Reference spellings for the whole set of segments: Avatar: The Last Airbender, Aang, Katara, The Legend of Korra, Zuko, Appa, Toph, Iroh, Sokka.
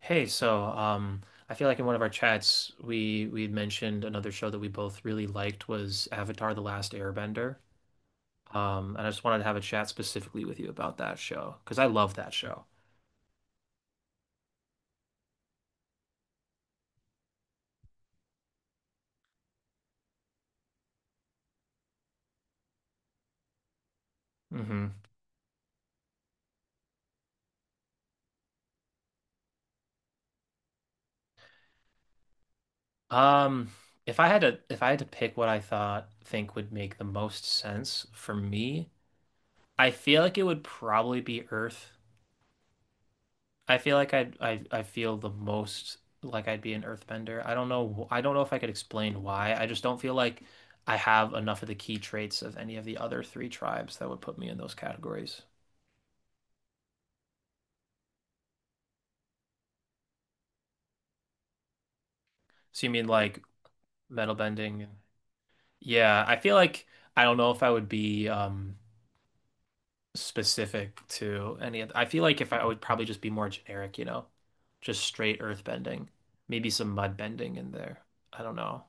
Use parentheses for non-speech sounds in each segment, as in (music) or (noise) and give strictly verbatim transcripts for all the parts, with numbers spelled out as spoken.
Hey, so um, I feel like in one of our chats we we had mentioned another show that we both really liked was Avatar: The Last Airbender. Um, and I just wanted to have a chat specifically with you about that show because I love that show. Hmm. Um, if I had to if I had to pick what I thought think would make the most sense for me, I feel like it would probably be Earth. I feel like I'd, I I feel the most like I'd be an earthbender. I don't know I don't know if I could explain why. I just don't feel like I have enough of the key traits of any of the other three tribes that would put me in those categories. So you mean like metal bending? Yeah, I feel like I don't know if I would be um specific to any of — I feel like if I, I would probably just be more generic, you know. Just straight earth bending. Maybe some mud bending in there. I don't know.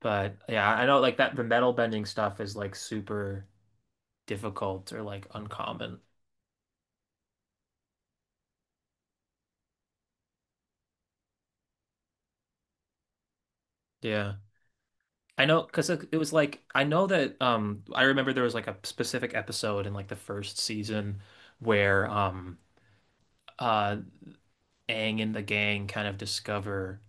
But yeah, I know like that the metal bending stuff is like super difficult or like uncommon. Yeah. I know because it, it was like I know that um I remember there was like a specific episode in like the first season where um uh Aang and the gang kind of discover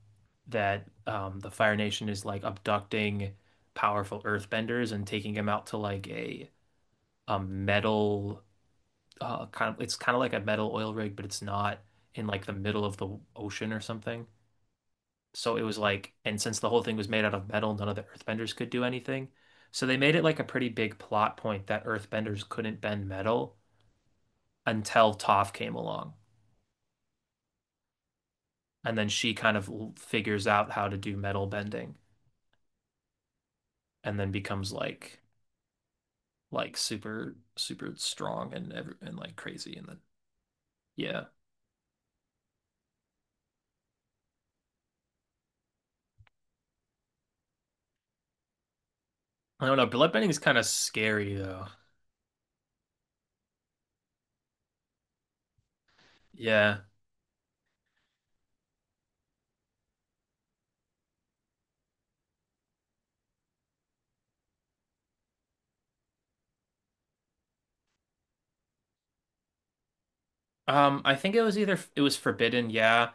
that um the Fire Nation is like abducting powerful earthbenders and taking them out to like a a metal uh kind of it's kind of like a metal oil rig but it's not in like the middle of the ocean or something. So it was like, and since the whole thing was made out of metal, none of the earthbenders could do anything. So they made it like a pretty big plot point that earthbenders couldn't bend metal until Toph came along. And then she kind of l- figures out how to do metal bending and then becomes like like super super strong and every, and like crazy and then yeah. I don't know, bloodbending is kind of scary though. Yeah. Um I think it was either it was forbidden, yeah.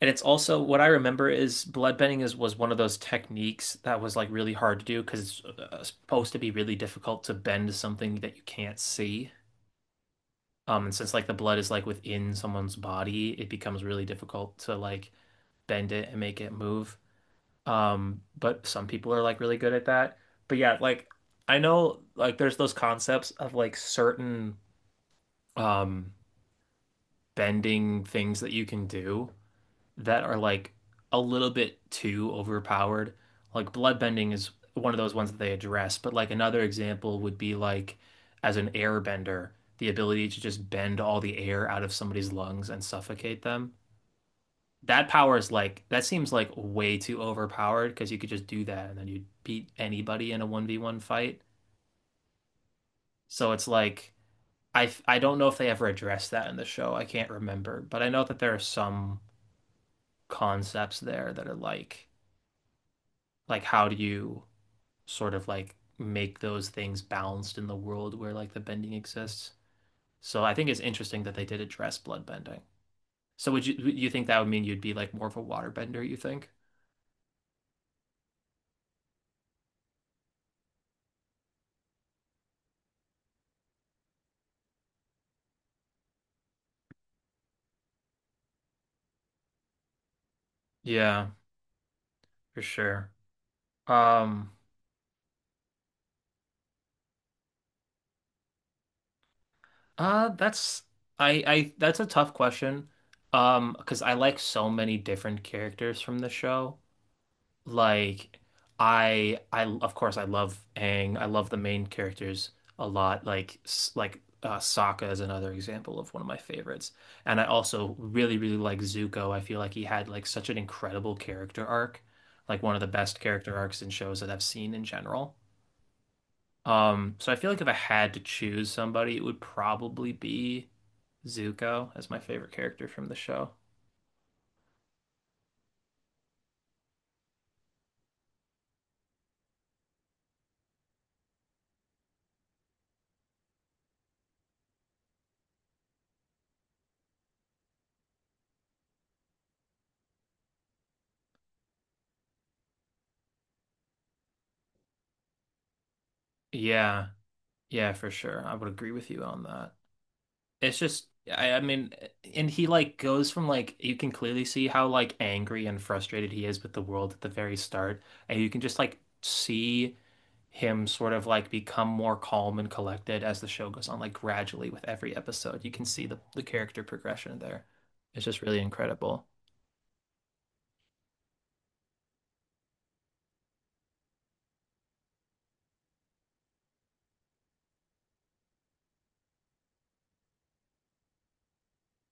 And it's also what I remember is bloodbending is was one of those techniques that was like really hard to do because it's uh, supposed to be really difficult to bend something that you can't see. Um, and since like the blood is like within someone's body, it becomes really difficult to like bend it and make it move. Um, but some people are like really good at that. But yeah, like I know like there's those concepts of like certain um bending things that you can do that are like a little bit too overpowered. Like bloodbending is one of those ones that they address, but like another example would be like as an airbender, the ability to just bend all the air out of somebody's lungs and suffocate them. That power is like that seems like way too overpowered because you could just do that and then you'd beat anybody in a one v one fight. So it's like I I don't know if they ever addressed that in the show. I can't remember, but I know that there are some concepts there that are like like how do you sort of like make those things balanced in the world where like the bending exists. So I think it's interesting that they did address blood bending. So would you you think that would mean you'd be like more of a waterbender, you think? Yeah, for sure. Um, uh that's I I that's a tough question. Um, because I like so many different characters from the show. Like I I of course I love Aang. I love the main characters a lot. Like s- like uh, Sokka is another example of one of my favorites. And I also really really like Zuko. I feel like he had like such an incredible character arc. Like one of the best character arcs in shows that I've seen in general. Um so I feel like if I had to choose somebody, it would probably be Zuko as my favorite character from the show. Yeah. Yeah, for sure. I would agree with you on that. It's just, I, I mean, and he like goes from like you can clearly see how like angry and frustrated he is with the world at the very start, and you can just like see him sort of like become more calm and collected as the show goes on, like gradually with every episode. You can see the the character progression there. It's just really incredible.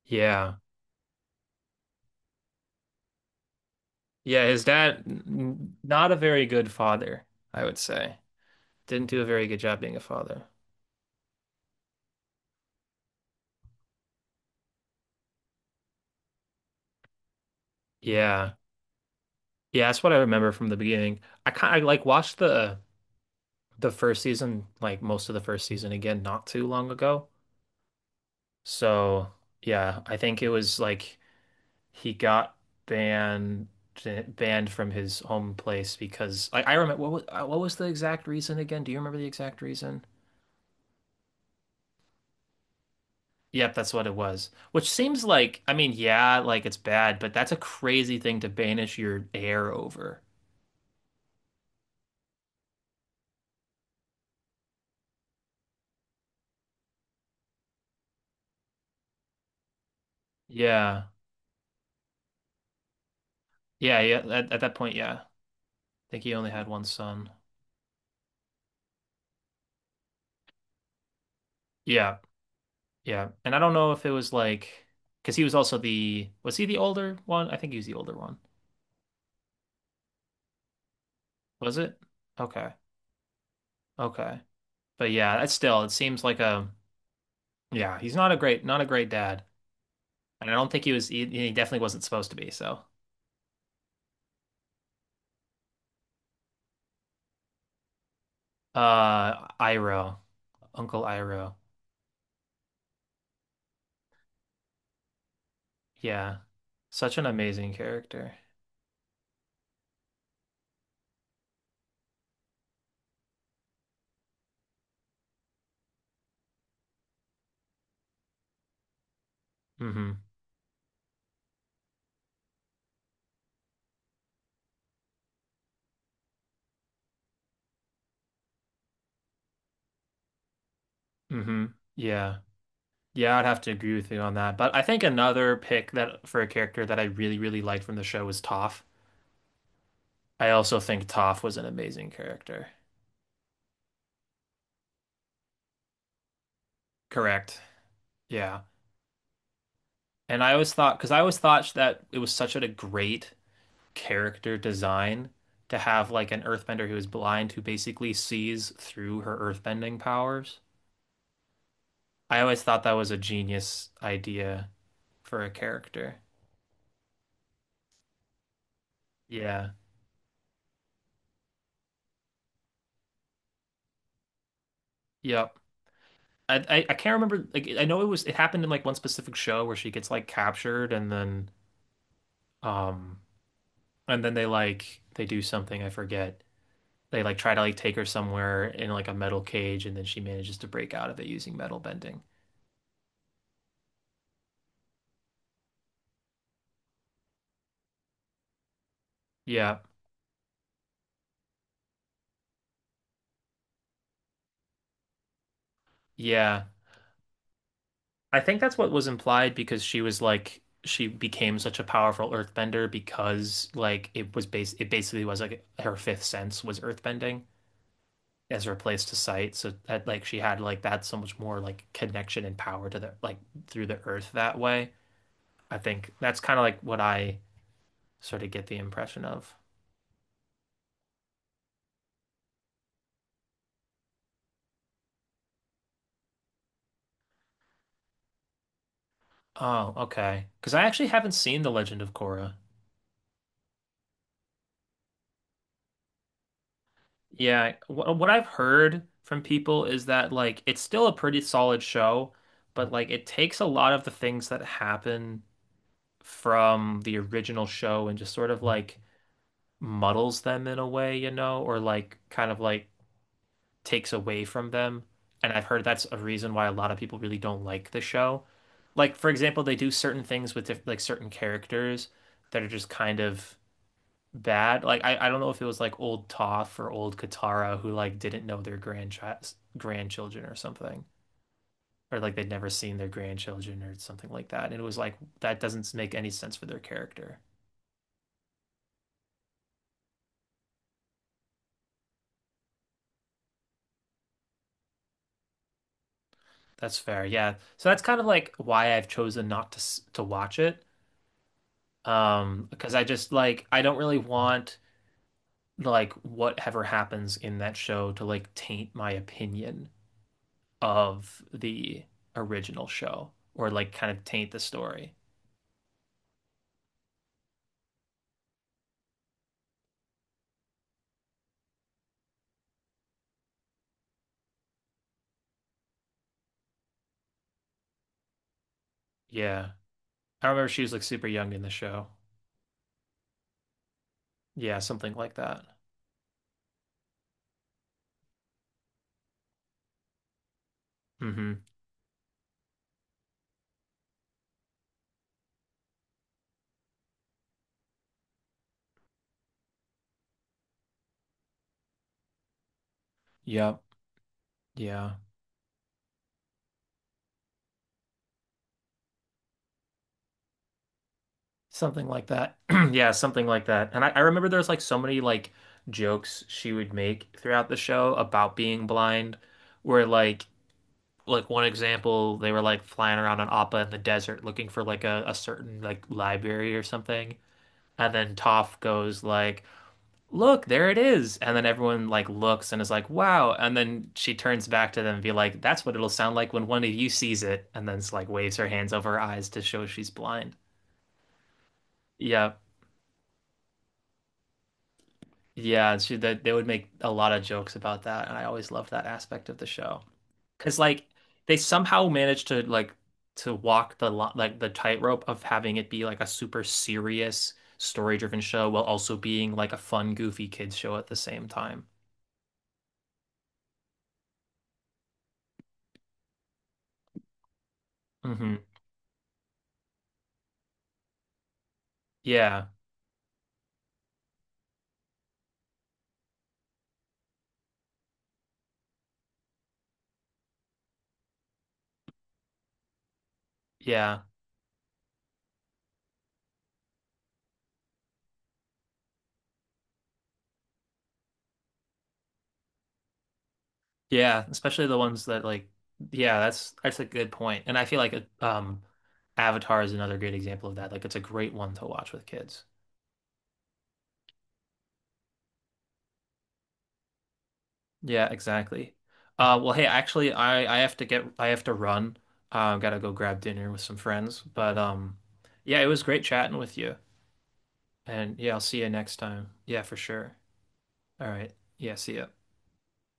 Yeah. Yeah, his dad, n- not a very good father, I would say. Didn't do a very good job being a father. Yeah. Yeah, that's what I remember from the beginning. I kind I like watched the the first season, like most of the first season again, not too long ago. So yeah, I think it was like he got banned banned from his home place because I, I remember what was uh, what was the exact reason again? Do you remember the exact reason? Yep, that's what it was. Which seems like, I mean, yeah, like it's bad, but that's a crazy thing to banish your heir over. Yeah. Yeah, yeah, at, at that point, yeah. I think he only had one son. Yeah. Yeah. And I don't know if it was like, because he was also the, was he the older one? I think he was the older one. Was it? Okay. Okay. But yeah, that's still, it seems like a, yeah, he's not a great, not a great dad. And I don't think he was, he, he definitely wasn't supposed to be. So, uh, Iroh. Uncle Iroh. Yeah. Such an amazing character. Mm-hmm. Mm-hmm. Yeah. Yeah, I'd have to agree with you on that. But I think another pick that for a character that I really, really liked from the show was Toph. I also think Toph was an amazing character. Correct. Yeah. And I always thought, because I always thought that it was such a great character design to have like an earthbender who is blind who basically sees through her earthbending powers. I always thought that was a genius idea for a character. Yeah. Yep. I, I, I can't remember like I know it was it happened in like one specific show where she gets like captured and then um and then they like they do something I forget they like try to like take her somewhere in like a metal cage and then she manages to break out of it using metal bending. Yeah. Yeah. I think that's what was implied because she was like she became such a powerful earthbender because like it was base it basically was like her fifth sense was earthbending as her place to sight so that like she had like that so much more like connection and power to the like through the earth that way. I think that's kind of like what I sort of get the impression of. Oh, okay. Because I actually haven't seen The Legend of Korra. Yeah, wh- what I've heard from people is that like it's still a pretty solid show, but like it takes a lot of the things that happen from the original show and just sort of like muddles them in a way, you know, or like kind of like takes away from them. And I've heard that's a reason why a lot of people really don't like the show. Like for example, they do certain things with diff like certain characters that are just kind of bad. Like I, I don't know if it was like old Toph or old Katara who like didn't know their grandchild grandchildren or something. Or like they'd never seen their grandchildren or something like that. And it was like that doesn't make any sense for their character. That's fair. Yeah. So that's kind of like why I've chosen not to s- to watch it. Um, because I just like I don't really want like whatever happens in that show to like taint my opinion of the original show or like kind of taint the story. Yeah. I remember she was like super young in the show. Yeah, something like that. Hmm. Yep. Yeah. Something like that. (clears throat) Yeah, something like that. And I, I remember there's like so many like jokes she would make throughout the show about being blind, where like like one example, they were like flying around on Appa in the desert looking for like a, a certain like library or something. And then Toph goes like, look, there it is. And then everyone like looks and is like, wow. And then she turns back to them and be like, that's what it'll sound like when one of you sees it. And then it's like waves her hands over her eyes to show she's blind. Yeah. Yeah. She, they, they would make a lot of jokes about that. And I always loved that aspect of the show. Cause like they somehow managed to like, to walk the lo- like the tightrope of having it be like a super serious story driven show while also being like a fun goofy kids show at the same time. Hmm. Yeah. Yeah. Yeah, especially the ones that like yeah, that's that's a good point. And I feel like a, um Avatar is another great example of that. Like it's a great one to watch with kids. Yeah, exactly. Uh well hey, actually I I have to get I have to run. Uh, gotta go grab dinner with some friends, but um yeah, it was great chatting with you. And yeah, I'll see you next time. Yeah, for sure. All right. Yeah, see ya.